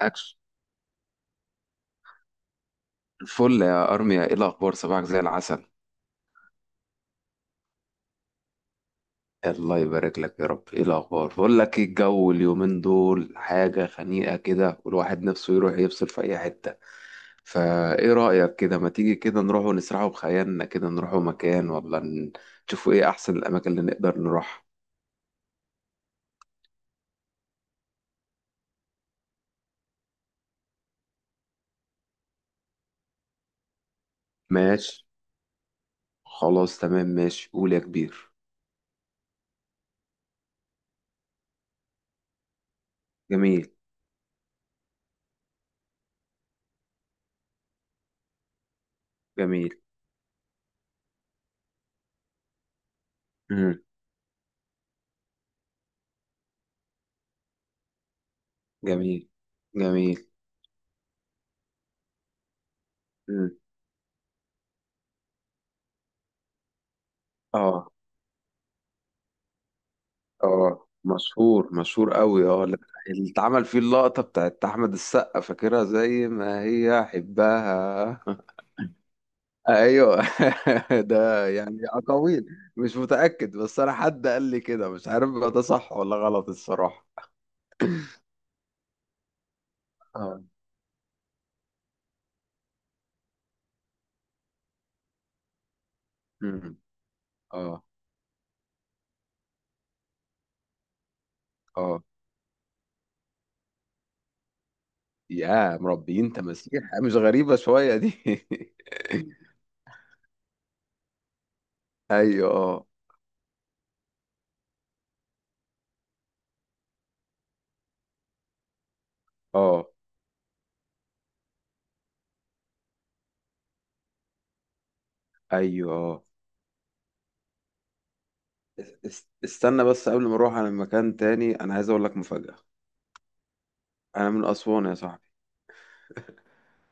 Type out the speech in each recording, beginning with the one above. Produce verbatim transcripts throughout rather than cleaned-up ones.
أكس فل يا أرميا، إيه الأخبار؟ صباحك زي العسل. الله يبارك لك يا رب. إيه الأخبار؟ بقول لك إيه، الجو اليومين دول حاجة خنيقة كده والواحد نفسه يروح يفصل في أي حتة. فإيه رأيك كده، ما تيجي كده نروح ونسرحوا بخيالنا كده، نروحوا مكان ولا ن- نشوفوا إيه أحسن الأماكن اللي نقدر نروحها؟ ماشي. خلاص تمام ماشي، قول يا كبير. جميل. جميل. مم. جميل. جميل. مم. آه. اه مشهور، مشهور قوي. اه اللي اللي اتعمل فيه اللقطة بتاعت أحمد السقا، فاكرها زي ما هي حبها. ايوه. ده يعني اقاويل، مش متأكد، بس انا حد قال لي كده، مش عارف بقى ده صح ولا غلط الصراحة. اه. أمم. اه. اه. يا مربيين تماسيح، مش غريبة شوية دي؟ ايوه. اه. اه. ايوه. اه. است- استنى بس، قبل ما اروح على مكان تاني انا عايز اقول لك مفاجأة. انا من اسوان يا صاحبي.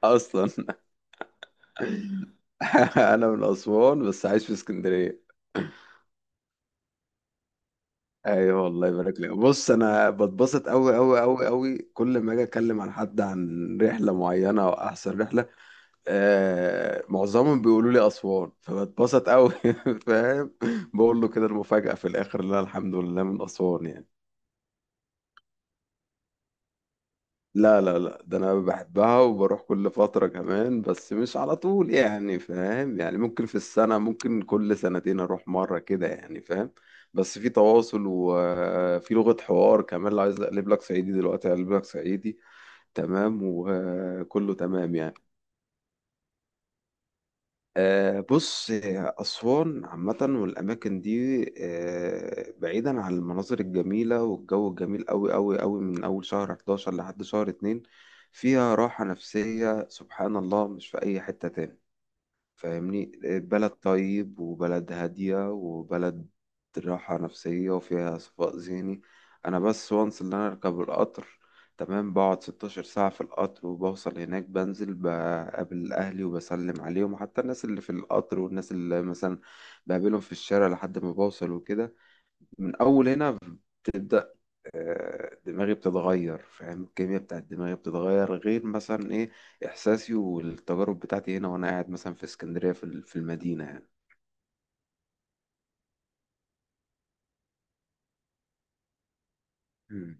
اصلا. انا من اسوان بس عايش في اسكندريه. ايوه والله يبارك لك. بص انا بتبسط قوي قوي قوي قوي كل ما اجي اتكلم عن حد، عن رحله معينه او احسن رحله. آه معظمهم بيقولوا لي اسوان، فبتبسط قوي. فاهم؟ بقول له كده المفاجاه في الاخر، لا الحمد لله من اسوان يعني. لا لا لا، ده انا بحبها وبروح كل فترة كمان، بس مش على طول يعني، فاهم؟ يعني ممكن في السنة، ممكن كل سنتين اروح مرة كده يعني، فاهم؟ بس في تواصل وفي لغة حوار كمان، لو عايز اقلب لك صعيدي دلوقتي اقلب لك صعيدي. تمام، وكله تمام يعني. آه، بص، آه، أسوان عامة والأماكن دي، آه، بعيدا عن المناظر الجميلة والجو الجميل أوي أوي أوي، من أول شهر أحد عشر لحد شهر اتنين فيها راحة نفسية سبحان الله مش في أي حتة تاني. فاهمني؟ بلد طيب، وبلد هادية، وبلد راحة نفسية، وفيها صفاء ذهني. أنا بس وانس اللي أنا أركب القطر. تمام، بقعد ستة عشر ساعة في القطر وبوصل هناك، بنزل بقابل أهلي وبسلم عليهم، حتى الناس اللي في القطر والناس اللي مثلا بقابلهم في الشارع لحد ما بوصل وكده. من أول هنا بتبدأ آه، دماغي بتتغير، فاهم؟ الكيمياء بتاعت دماغي بتتغير، غير مثلا ايه احساسي والتجارب بتاعتي هنا وانا قاعد مثلا في اسكندريه، في ال- في المدينه يعني. مم.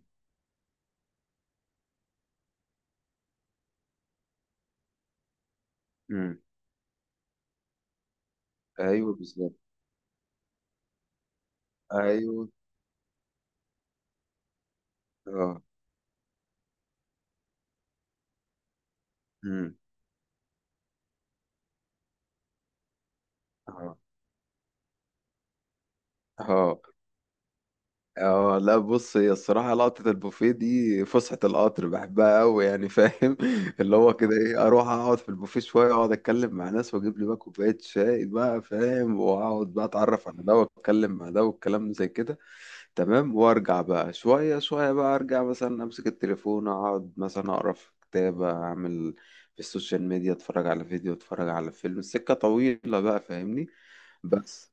مم. ايوه بالظبط. ايوه. اه. مم. اه. اه. اه، لا بص، هي الصراحه لقطه البوفيه دي، فسحه القطر بحبها قوي يعني، فاهم؟ اللي هو كده ايه، اروح اقعد في البوفيه شويه، اقعد اتكلم مع ناس واجيب لي بقى كوبايه شاي بقى، فاهم؟ واقعد بقى اتعرف على ده واتكلم مع ده والكلام زي كده. تمام، وارجع بقى شوية شوية بقى، ارجع مثلا امسك التليفون، اقعد مثلا اقرا في كتاب، اعمل في السوشيال ميديا، اتفرج على فيديو، اتفرج على فيلم، السكة طويلة بقى فاهمني؟ بس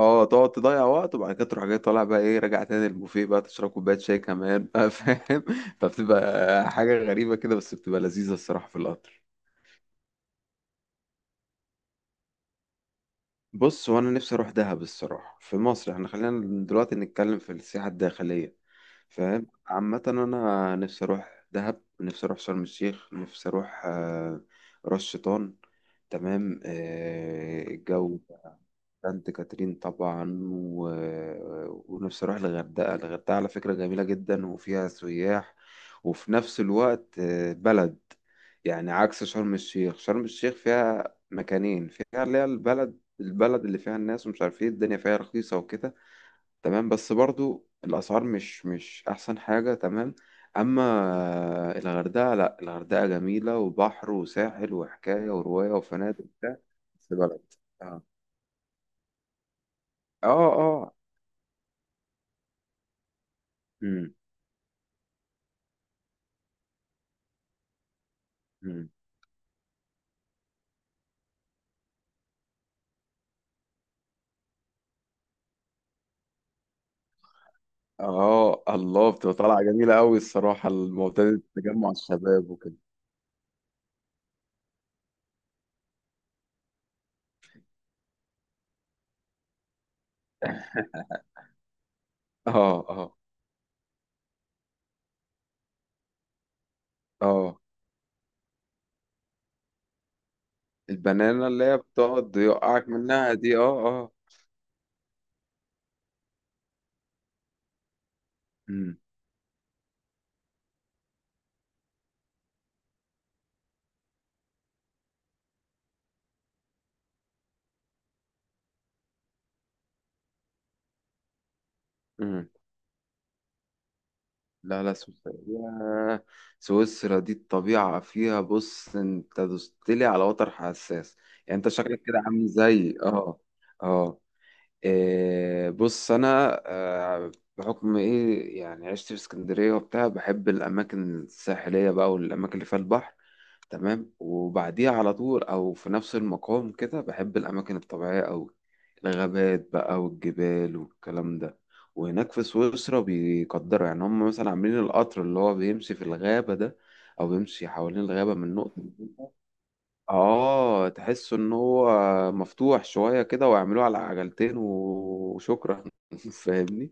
اه، تقعد تضيع وقت، وبعد كده تروح جاي طالع بقى ايه، راجع تاني البوفيه بقى، تشرب كوباية شاي كمان بقى فاهم؟ فبتبقى حاجة غريبة كده، بس بتبقى لذيذة الصراحة في القطر. بص، وانا نفسي اروح دهب الصراحه في مصر، احنا خلينا دلوقتي نتكلم في السياحه الداخليه. فاهم؟ عامه انا نفسي اروح دهب، نفسي اروح شرم الشيخ، نفسي اروح آه، راس شيطان. تمام. آه، الجو. سانت كاترين طبعا و... ونفسي اروح الغردقه. الغردقه على فكره جميله جدا، وفيها سياح، وفي نفس الوقت آه، بلد، يعني عكس شرم الشيخ. شرم الشيخ فيها مكانين، فيها اللي هي البلد، البلد اللي فيها الناس ومش عارف ايه، الدنيا فيها رخيصه وكده، تمام، بس برضو الاسعار مش مش احسن حاجه. تمام. اما آه، الغردقه، لا الغردقه جميله، وبحر وساحل وحكايه وروايه وفنادق وبتاع. بس بلد. اه. اه. آه. مم. مم. اه الله، بتبقى طالعه جميله قوي الصراحه، المعتاد تجمع الشباب وكده. اه. اه. اه. البنانه اللي هي بتقعد يوقعك منها دي، اه اه. امم. امم. لا لا، سويسرا ياه، سويسرا دي الطبيعه فيها، بص انت دوستلي على وتر حساس. يعني انت شكلك كده عامل زي اه. اه. إيه، بص انا آه، بحكم ايه يعني، عشت في اسكندريه وبتاع، بحب الاماكن الساحليه بقى والاماكن اللي فيها البحر. تمام، وبعديها على طول، او في نفس المقام كده بحب الاماكن الطبيعيه قوي، الغابات بقى والجبال والكلام ده. وهناك في سويسرا بيقدروا يعني، هم مثلا عاملين القطر اللي هو بيمشي في الغابه ده، او بيمشي حوالين الغابه من نقطه. اه، تحس ان هو مفتوح شوية كده، ويعملوه على عجلتين وشكرا. فاهمني؟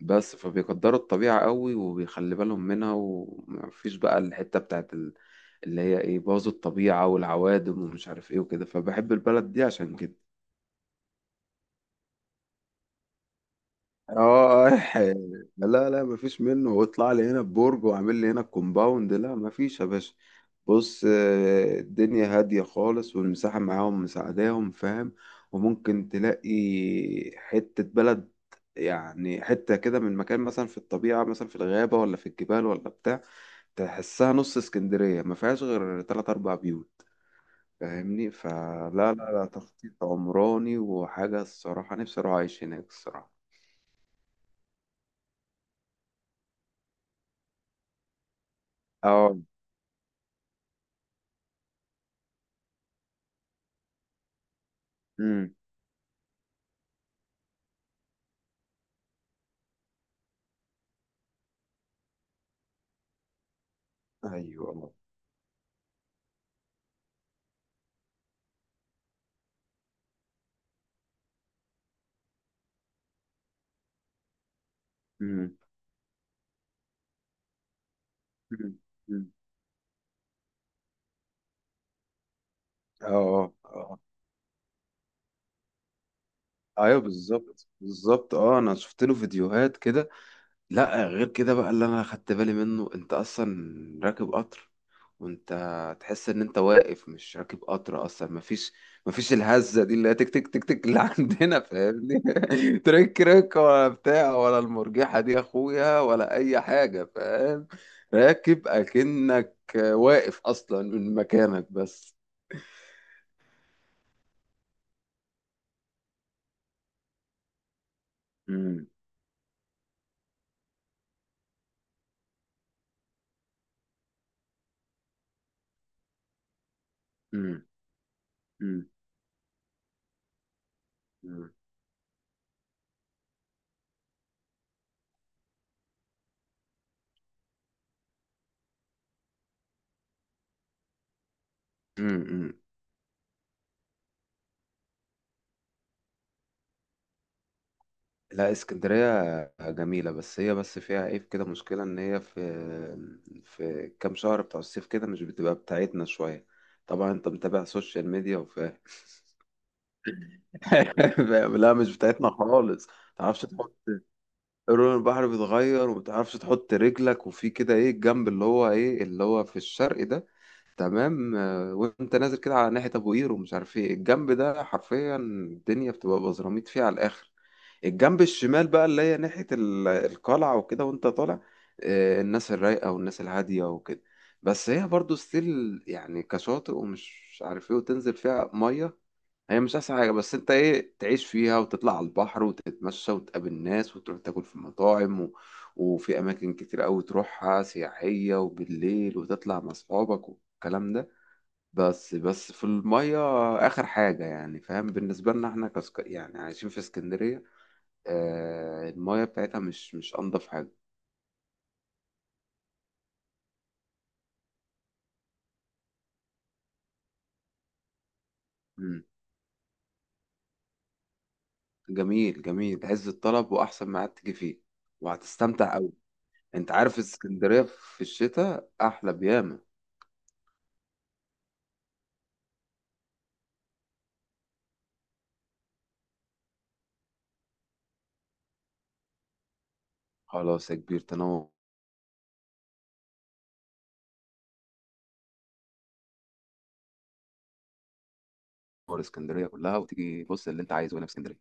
بس فبيقدروا الطبيعة قوي وبيخلي بالهم منها، ومفيش بقى الحتة بتاعت ال- اللي هي ايه، باظوا الطبيعة والعوادم ومش عارف ايه وكده، فبحب البلد دي عشان كده. اه. آه. لا لا، مفيش منه، واطلع لي هنا ببرج واعمل لي هنا الكومباوند، لا مفيش يا باشا. بص، آه، الدنيا هادية خالص والمساحة معاهم مساعداهم فاهم؟ وممكن تلاقي حتة بلد، يعني حتة كده من مكان مثلا في الطبيعة، مثلا في الغابة ولا في الجبال ولا بتاع، تحسها نص اسكندرية ما فيهاش غير تلات أربع بيوت. فاهمني؟ فلا لا لا تخطيط عمراني وحاجة الصراحة، نفسي أروح أعيش هناك الصراحة. اه. ايوه. امم. امم. امم. اه. اه. ايوه بالظبط، بالظبط. اه انا شفت له فيديوهات كده. لا غير كده بقى اللي انا خدت بالي منه، انت اصلا راكب قطر وانت تحس ان انت واقف، مش راكب قطر اصلا. مفيش مفيش الهزه دي اللي هي تك تك تك تك اللي عندنا، فاهمني؟ ترك رك ولا بتاع، ولا المرجحه دي يا اخويا، ولا اي حاجه، فاهم؟ راكب اكنك واقف اصلا من مكانك بس. مم. مم. مم. مم. مم. لا، اسكندرية جميلة، بس هي بس فيها عيب كده، مشكلة إن هي في في كام شهر بتوع الصيف كده مش بتبقى بتاعتنا شوية. طبعا أنت متابع سوشيال ميديا وفاهم. فاهم؟ لا مش بتاعتنا خالص. متعرفش تحط، لون البحر بيتغير، ومتعرفش تحط رجلك، وفي كده ايه الجنب اللي هو ايه اللي هو في الشرق ده، تمام، آه، وانت نازل كده على ناحية ابو قير ومش عارف ايه الجنب ده، حرفيا الدنيا بتبقى بزراميط فيه على الاخر. الجنب الشمال بقى اللي هي ناحية ال- القلعة وكده وانت طالع، آه، الناس الرايقة والناس الهادية وكده. بس هي برضو ستيل يعني كشاطئ ومش عارف ايه، وتنزل فيها مية، هي مش احسن حاجه، بس انت ايه، تعيش فيها وتطلع على البحر وتتمشى وتقابل ناس وتروح تاكل في مطاعم و... وفي اماكن كتير قوي تروحها سياحيه، وبالليل وتطلع مع اصحابك والكلام ده. بس بس في الميه اخر حاجه يعني، فاهم؟ بالنسبه لنا احنا كسك... يعني عايشين في اسكندريه، آه الميه بتاعتها مش مش انضف حاجه. مم. جميل جميل، عز الطلب واحسن ميعاد تيجي فيه، وهتستمتع قوي. انت عارف اسكندريه في الشتاء احلى بياما. خلاص يا كبير، تنور. اسكندريه كلها، وتيجي بص اللي انت عايزه هنا في اسكندريه.